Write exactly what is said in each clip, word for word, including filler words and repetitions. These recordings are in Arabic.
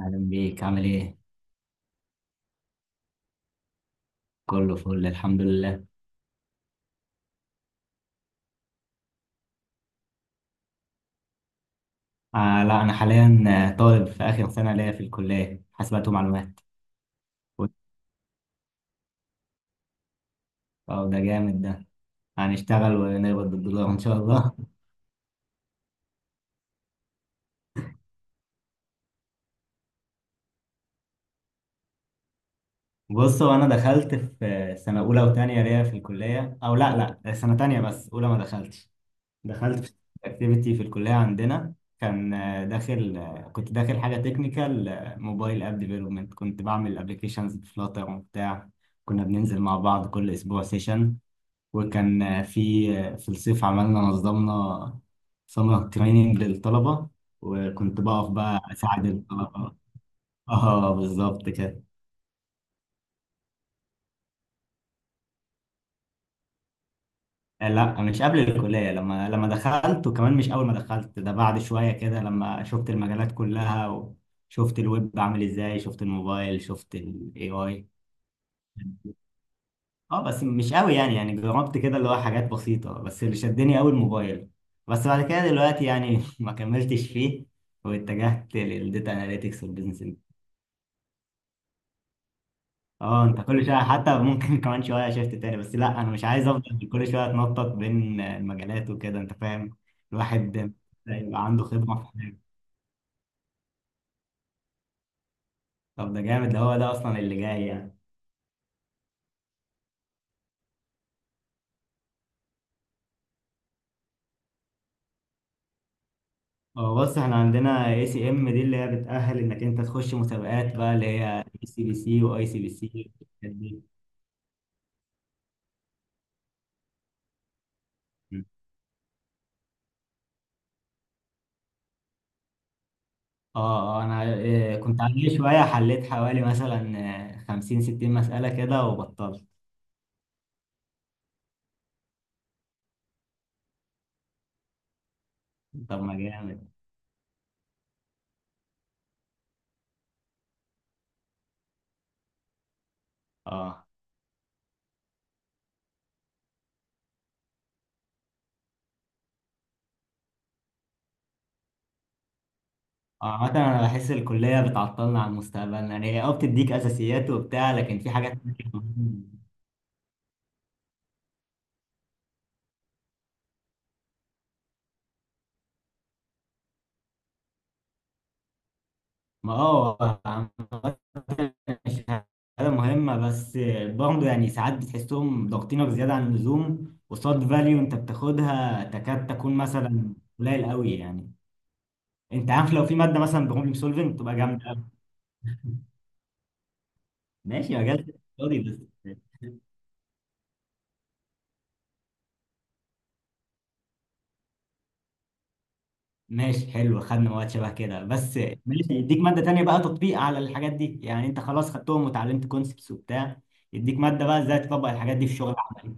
أهلا بيك، عامل إيه؟ كله فل الحمد لله. آه لا، أنا حاليا آه، طالب في آخر سنة ليا في الكلية حاسبات ومعلومات. أه، ده جامد ده. هنشتغل ونقبض بالدولار إن شاء الله. بص، هو أنا دخلت في آه، سنة أولى وتانية ليا في الكلية، أو لا لا، سنة تانية بس، أولى ما دخلتش. دخلت في أكتيفيتي في الكلية عندنا، كان آه، داخل آه، كنت داخل حاجة تكنيكال، موبايل اب ديفلوبمنت، كنت بعمل ابلكيشنز بفلاتر وبتاع. كنا بننزل مع بعض كل أسبوع سيشن، وكان في في الصيف عملنا نظمنا سمر تريننج للطلبة، وكنت بقف بقى أساعد الطلبة. اه، بالظبط كده. لا، مش قبل الكلية، لما لما دخلت، وكمان مش أول ما دخلت، ده بعد شوية كده، لما شفت المجالات كلها، وشفت الويب عامل ازاي، شفت الموبايل، شفت ال إيه آي. اه بس مش قوي، يعني يعني جربت كده اللي هو حاجات بسيطة، بس اللي شدني قوي الموبايل. بس بعد كده دلوقتي يعني ما كملتش فيه، واتجهت للديتا اناليتكس والبيزنس انت- اه، انت كل شوية حتى ممكن كمان شوية شفت تاني، بس لا، انا مش عايز افضل كل شوية اتنطط بين المجالات وكده، انت فاهم. الواحد يبقى عنده خبرة في حاجة. طب ده جامد ده، هو ده اصلا اللي جاي يعني. اه، بص، احنا عندنا اي سي ام دي، اللي هي بتأهل انك انت تخش مسابقات بقى، اللي هي اي سي بي سي واي سي بي سي. اه، آه، انا آه، كنت عندي شوية، حليت حوالي مثلا آه، خمسين ستين مسألة كده وبطلت. طب ما جامد. اه، اه، عامة انا بحس الكلية بتعطلنا عن مستقبلنا، يعني هي اه بتديك اساسيات وبتاع لكن في حاجات. ما اه عامة، الشهادة مهمة، بس برضه يعني ساعات بتحسهم ضاغطينك زيادة عن اللزوم قصاد فاليو انت بتاخدها، تكاد تكون مثلا قليل قوي يعني. انت عارف، لو في مادة مثلا بروبلم سولفنج تبقى جامدة، ماشي. مجال فاضي بس، ماشي حلو، خدنا وقت شبه كده بس، ماشي، يديك مادة تانية بقى تطبيق على الحاجات دي، يعني انت خلاص خدتهم وتعلمت كونسبتس وبتاع، يديك مادة بقى ازاي تطبق الحاجات دي في الشغل العملي.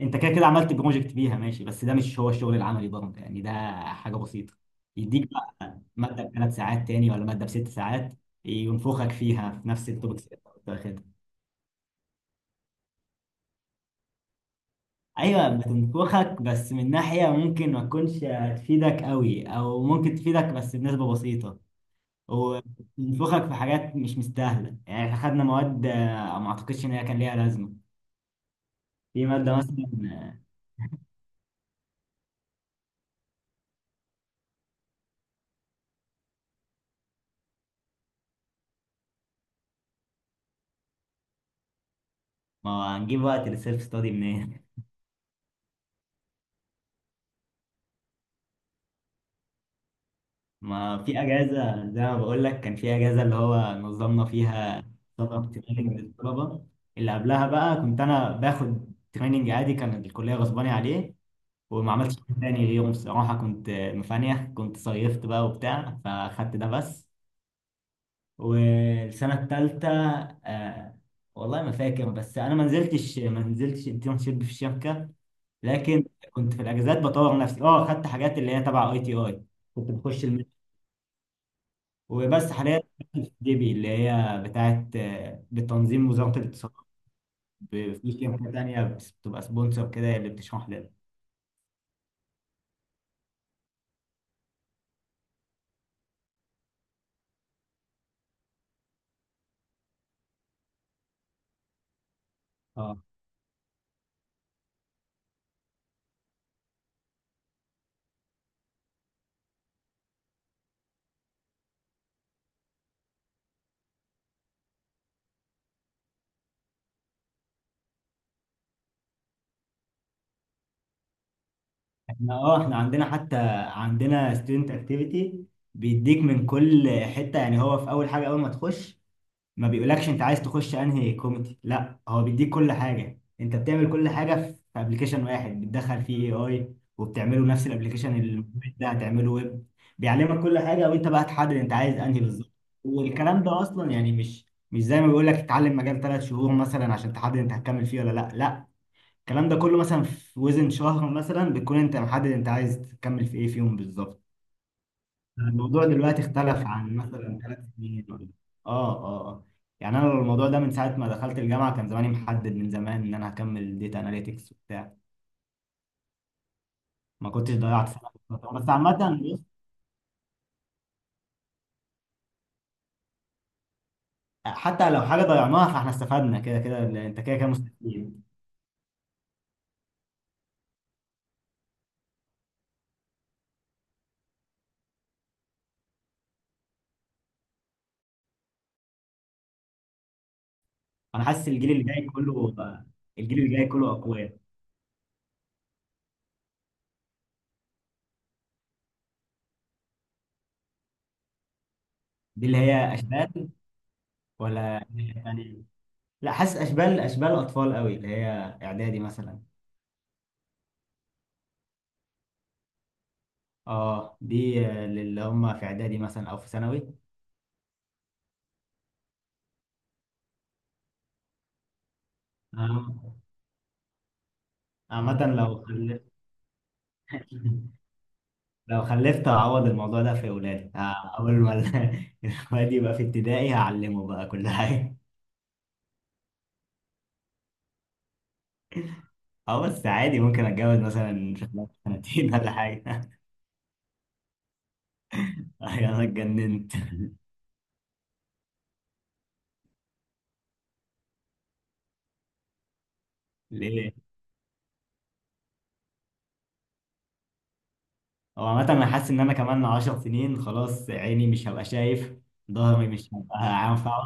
انت كده كده عملت بروجكت بيها، ماشي، بس ده مش هو الشغل العملي برضه يعني، ده حاجة بسيطة. يديك بقى مادة بثلاث ساعات تاني ولا مادة بست ساعات ينفخك فيها في نفس التوبكس اللي انت كنت واخدها. ايوه، بتنفخك، بس من ناحيه ممكن ما تكونش هتفيدك قوي، او ممكن تفيدك بس بنسبه بسيطه، وبنفخك في حاجات مش مستاهله. يعني احنا خدنا مواد آه، ما اعتقدش ان هي كان ليها لازمه. في ماده مثلا آه، ما هو، هنجيب وقت للسيلف ستادي منين؟ ما في اجازه زي ما بقول لك، كان في اجازه اللي هو نظمنا فيها. طبعا تريننج للطلبه. اللي قبلها بقى كنت انا باخد تريننج عادي كان الكليه غصباني عليه. وما عملتش حاجة تاني اليوم. الصراحه كنت آه، مفانيه، كنت صيفت بقى وبتاع، فاخدت ده بس. والسنة التالتة آه والله ما فاكر، بس أنا ما نزلتش ما نزلتش انترنشيب في الشركة. لكن كنت في الأجازات بطور نفسي. أه، خدت حاجات اللي هي تبع أي تي أي، كنت بخش المنح وبس. حاليا في ديبي اللي هي بتاعت آه، بتنظيم وزارة الاتصالات، ب- في شركة تانية بس- بتبقى سبونسر كده، هي اللي بتشرح لنا. اه، احنا اه احنا عندنا حتى، عندنا ستودنت اكتيفيتي بيديك من كل حتة. يعني هو في أول حاجة، أول ما تخش ما بيقولكش انت عايز تخش انهي كوميدي، لا، هو بيديك كل حاجه، انت بتعمل كل حاجه في ابلكيشن واحد بتدخل فيه اي اي، وبتعمله نفس الابلكيشن اللي ده هتعمله ويب. بيعلمك كل حاجه، وانت بقى تحدد انت عايز انهي بالظبط. والكلام ده اصلا يعني مش مش زي ما بيقولك اتعلم مجال ثلاث شهور مثلا عشان تحدد انت هتكمل فيه ولا لا لا. الكلام ده كله مثلا في وزن شهر مثلا بتكون انت محدد انت عايز تكمل في ايه فيهم بالظبط. الموضوع دلوقتي اختلف عن مثلا ثلاث سنين ولا- اه، اه، آه. يعني انا الموضوع ده من ساعه ما دخلت الجامعه كان زماني محدد من زمان ان انا هكمل ديتا اناليتكس وبتاع، ما كنتش ضيعت سنه في الفترة. بس عامه، بص، حتى لو حاجه ضيعناها، فاحنا استفدنا كده كده، لأن انت كده كده مستفيد. انا حاسس الجيل اللي جاي كله، الجيل اللي جاي كله اقوياء. دي اللي هي اشبال، ولا يعني، لا، حاسس اشبال اشبال اطفال قوي اللي هي اعدادي مثلا. اه، دي آه، اللي هم في اعدادي مثلا او في ثانوي. آه، عامة لو خلفت، لو خلفت هعوض الموضوع ده في ولادي ه- أول ما ال- الواد يبقى في ابتدائي هعلمه بقى كل حاجة. أه بس عادي، ممكن أتجوز مثلا في خلال سنتين ولا حاجة. أنا اتجننت. ليه؟ هو عامة أنا حاسس إن أنا كمان عشر سنين خلاص، عيني مش هبقى شايف، ظهري مش هبقى هينفع.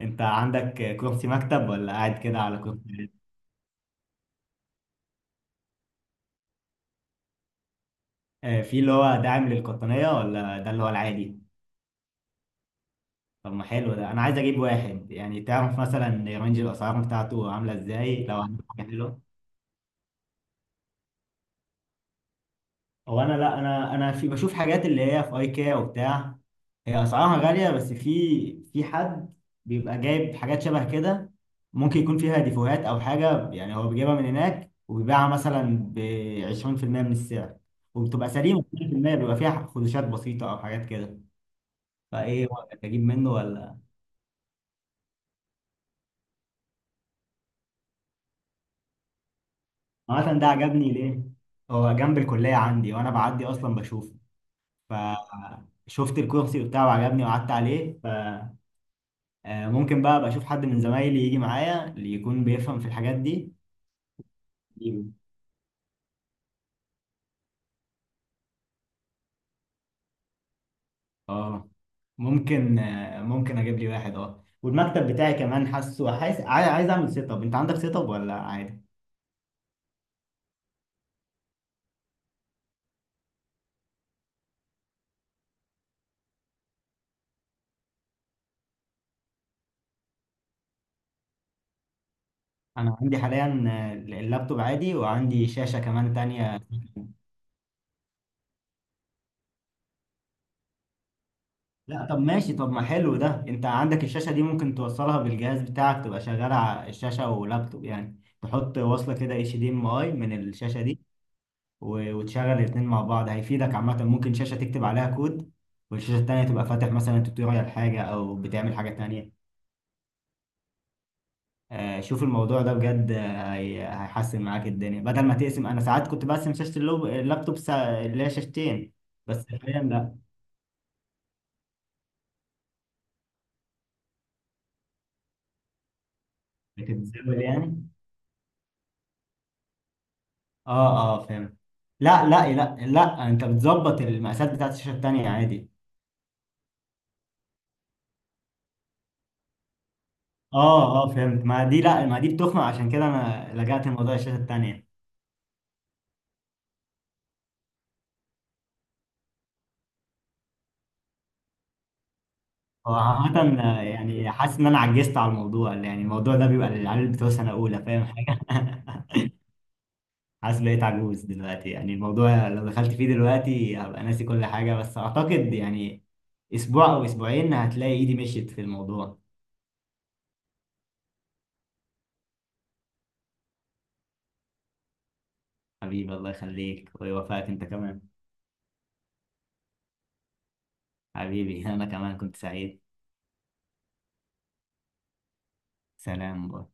أنت عندك كرسي مكتب ولا قاعد كده على كرسي؟ آه، في اللي هو داعم للقطنية ولا ده اللي هو العادي؟ طب ما حلو ده، انا عايز اجيب واحد، يعني تعرف مثلا رينج الاسعار بتاعته عامله ازاي لو هنجيب حاجه حلوه. هو انا، لا انا انا في بشوف حاجات اللي هي في ايكيا وبتاع، هي اسعارها غاليه، بس في في حد بيبقى جايب حاجات شبه كده، ممكن يكون فيها ديفوهات او حاجه، يعني هو بيجيبها من هناك وبيبيعها مثلا ب عشرين في المية من السعر، وبتبقى سليمه. عشرين في المية بيبقى فيها خدوشات بسيطه او حاجات كده. فايه رأيك، اجيب منه ولا؟ عامة ده عجبني. ليه؟ هو جنب الكلية عندي، وأنا بعدي أصلا بشوفه، فشفت الكرسي وبتاع وعجبني وقعدت عليه، فممكن بقى أبقى أشوف حد من زمايلي يجي معايا اللي يكون بيفهم في الحاجات دي يجيبه. اه، ممكن، آه، ممكن أجيب لي واحد اه. والمكتب بتاعي كمان، حاسه حاسس عايز عايز أعمل سيت أب. أنت عندك سيت أب ولا عادي؟ أنا عندي حاليا آه، اللابتوب عادي، وعندي شاشة كمان تانية. لا طب ماشي، طب ما حلو ده، انت عندك الشاشة دي ممكن توصلها بالجهاز بتاعك، تبقى شغالة على الشاشة ولابتوب، يعني تحط وصلة كده اتش دي ام اي من الشاشة دي و- وتشغل الاتنين مع بعض، هيفيدك عامة. ممكن شاشة تكتب عليها كود، والشاشة التانية تبقى فاتح مثلا توتوريال حاجة او بتعمل حاجة تانية. آه، شوف الموضوع ده بجد، آه، هي- هيحسن معاك الدنيا بدل ما تقسم. انا ساعات كنت بقسم شاشة اللوب- اللابتوب سا- اللي هي شاشتين، بس حاليا لا. بتتزاول يعني. اه، اه، فهمت. لا لا لا لا، انت بتظبط المقاسات بتاعت الشاشه التانيه عادي. اه، اه، فهمت، ما دي لا، ما دي بتخنق، عشان كده انا لجأت لموضوع الشاشه التانيه. هو عامة آه، يعني حاسس ان انا عجزت على الموضوع، يعني الموضوع ده بيبقى للعيال بتوع سنه اولى فاهم حاجه. حاسس بقيت عجوز دلوقتي، يعني الموضوع لو دخلت فيه دلوقتي هبقى ناسي كل حاجه، بس اعتقد يعني اسبوع او اسبوعين هتلاقي ايدي مشيت في الموضوع. حبيبي، الله يخليك ويوفقك انت كمان. حبيبي، انا كمان كنت سعيد. سلام.